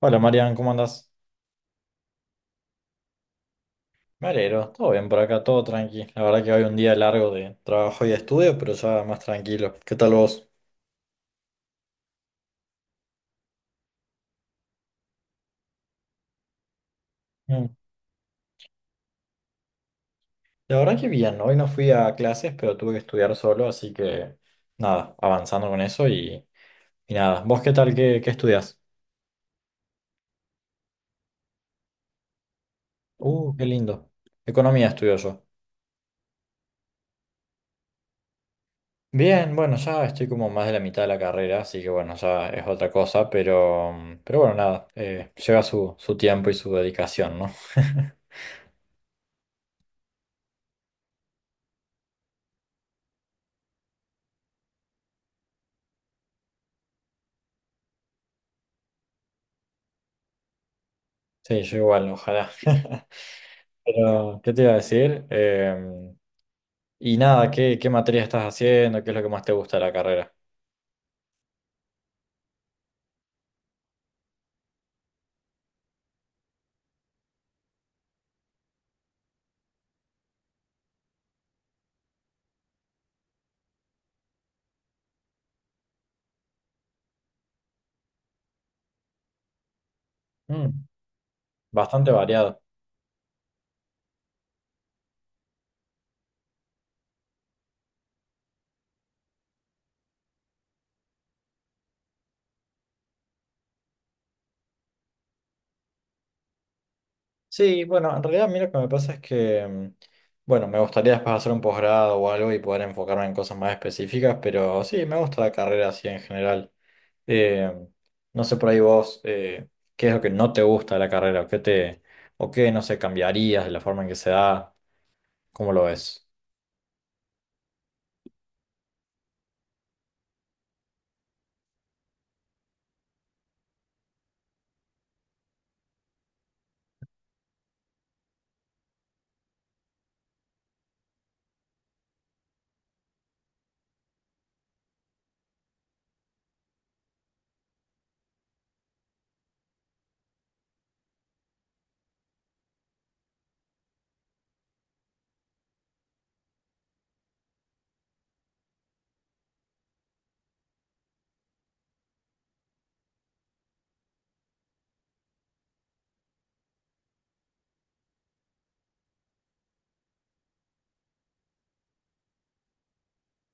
Hola Marian, ¿cómo andás? Me alegro, todo bien por acá, todo tranqui. La verdad que hoy un día largo de trabajo y de estudio, pero ya más tranquilo. ¿Qué tal vos? Mm. La verdad que bien, hoy no fui a clases, pero tuve que estudiar solo, así que nada, avanzando con eso y nada. ¿Vos qué tal? ¿Qué estudias? Qué lindo. Economía estudio yo. Bien, bueno, ya estoy como más de la mitad de la carrera, así que bueno, ya es otra cosa, pero bueno, nada, lleva su tiempo y su dedicación, ¿no? Sí, yo igual, ojalá. Pero, ¿qué te iba a decir? Y nada, ¿qué materia estás haciendo? ¿Qué es lo que más te gusta de la carrera? Mm, bastante variado. Sí, bueno, en realidad a mí lo que me pasa es que, bueno, me gustaría después hacer un posgrado o algo y poder enfocarme en cosas más específicas, pero sí, me gusta la carrera así en general. Em, no sé por ahí vos, ¿qué es lo que no te gusta de la carrera? O qué, no sé, ¿cambiarías de la forma en que se da? ¿Cómo lo ves?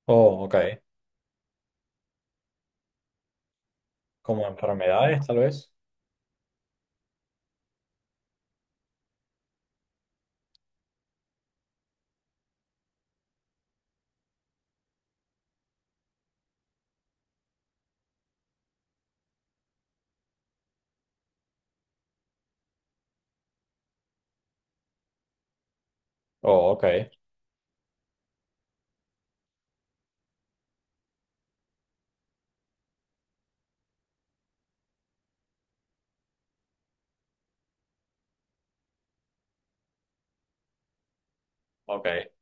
Oh, ok. Como enfermedades, tal vez. Oh, ok, ok.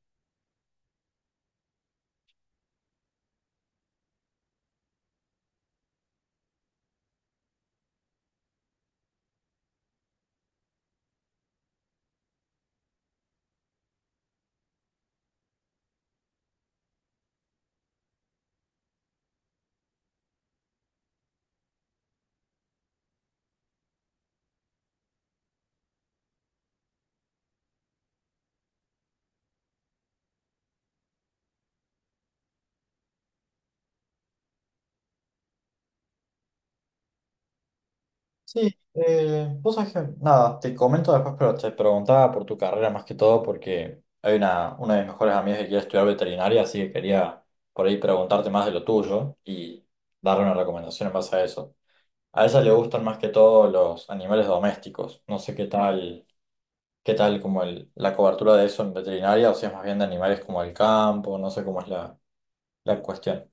Sí, vos sabés que, nada, te comento después, pero te preguntaba por tu carrera más que todo porque hay una de mis mejores amigas que quiere estudiar veterinaria, así que quería por ahí preguntarte más de lo tuyo y darle una recomendación en base a eso. A ella le gustan más que todo los animales domésticos. No sé qué tal como la cobertura de eso en veterinaria o si es más bien de animales como el campo, no sé cómo es la cuestión.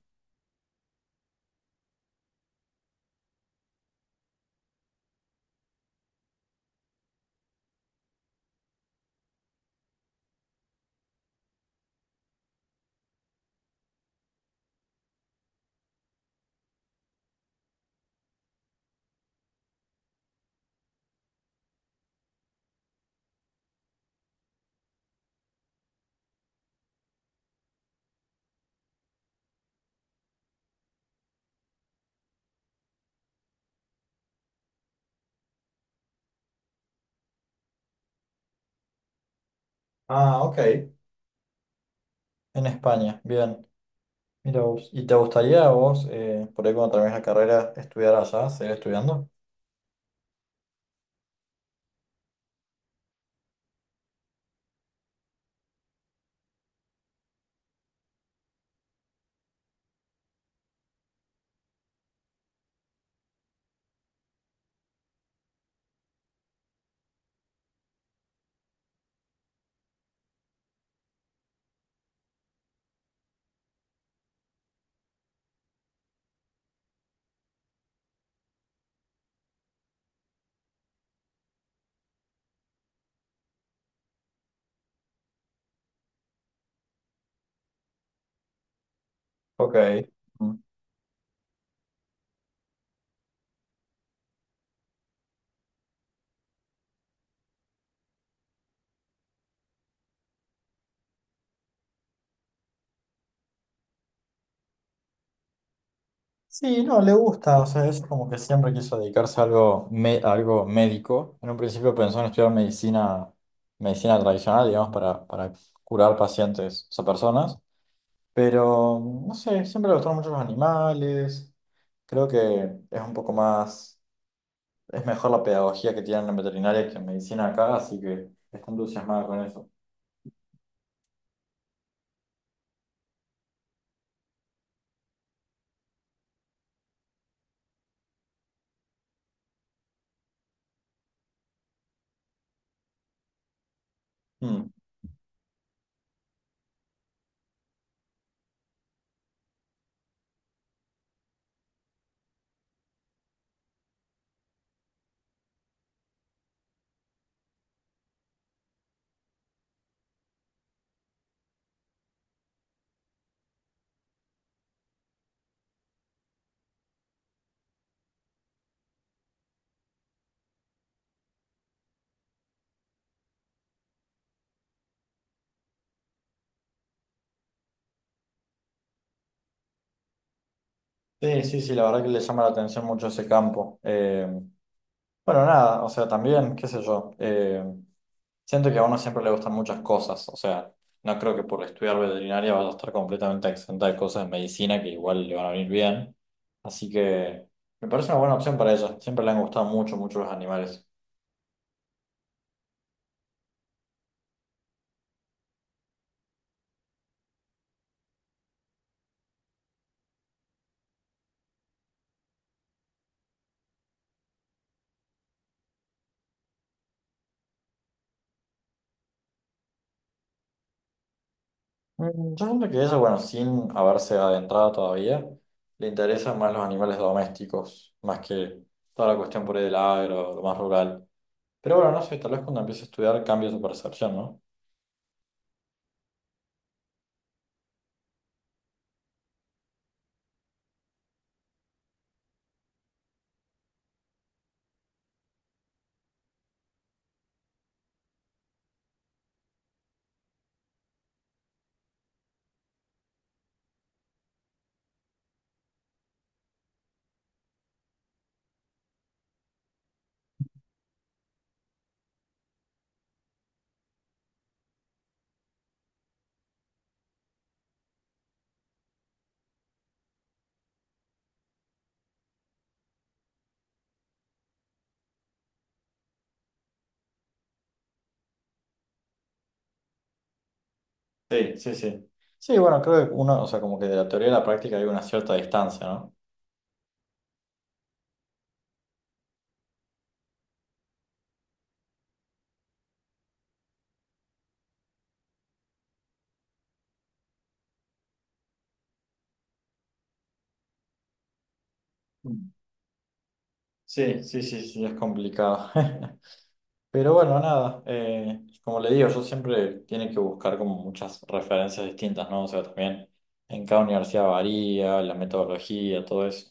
Ah, ok. En España, bien. Mira vos. ¿Y te gustaría a vos, por ahí cuando termines la carrera, estudiar allá, seguir estudiando Ok. Mm. Sí, no, le gusta, o sea, es como que siempre quiso dedicarse a algo, a algo médico. En un principio pensó en estudiar medicina, medicina tradicional, digamos, para curar pacientes, o sea, personas. Pero, no sé, siempre le gustaron mucho los animales. Creo que es un poco más, es mejor la pedagogía que tienen en veterinaria que en medicina acá, así que está entusiasmada con eso. Mm. Sí, sí, sí, la verdad que le llama la atención mucho ese campo. Bueno, nada, o sea, también, qué sé yo, siento que a uno siempre le gustan muchas cosas, o sea, no creo que por estudiar veterinaria vaya a estar completamente exenta de cosas de medicina que igual le van a venir bien. Así que me parece una buena opción para ella, siempre le han gustado mucho, mucho los animales. Mm, yo siento que ella, bueno, sin haberse adentrado todavía, le interesan más los animales domésticos, más que toda la cuestión por ahí del agro, lo más rural. Pero bueno, no sé, tal vez cuando empiece a estudiar cambia su percepción, ¿no? Sí, sí, sí. Sí, bueno, creo que uno, o sea, como que de la teoría a la práctica hay una cierta distancia, ¿no? Mm. Sí, sí, sí, sí, es complicado. Pero bueno, nada, como le digo, yo siempre tiene que buscar como muchas referencias distintas, ¿no? O sea, también en cada universidad varía la metodología, todo eso.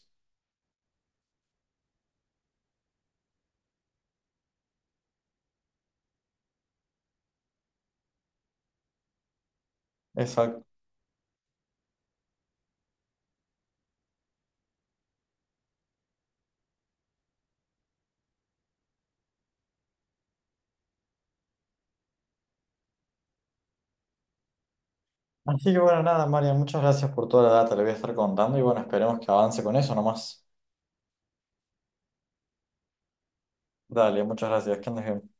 Exacto. Así que bueno, nada, María, muchas gracias por toda la data, le voy a estar contando y bueno, esperemos que avance con eso nomás. Dale, muchas gracias, que andes bien.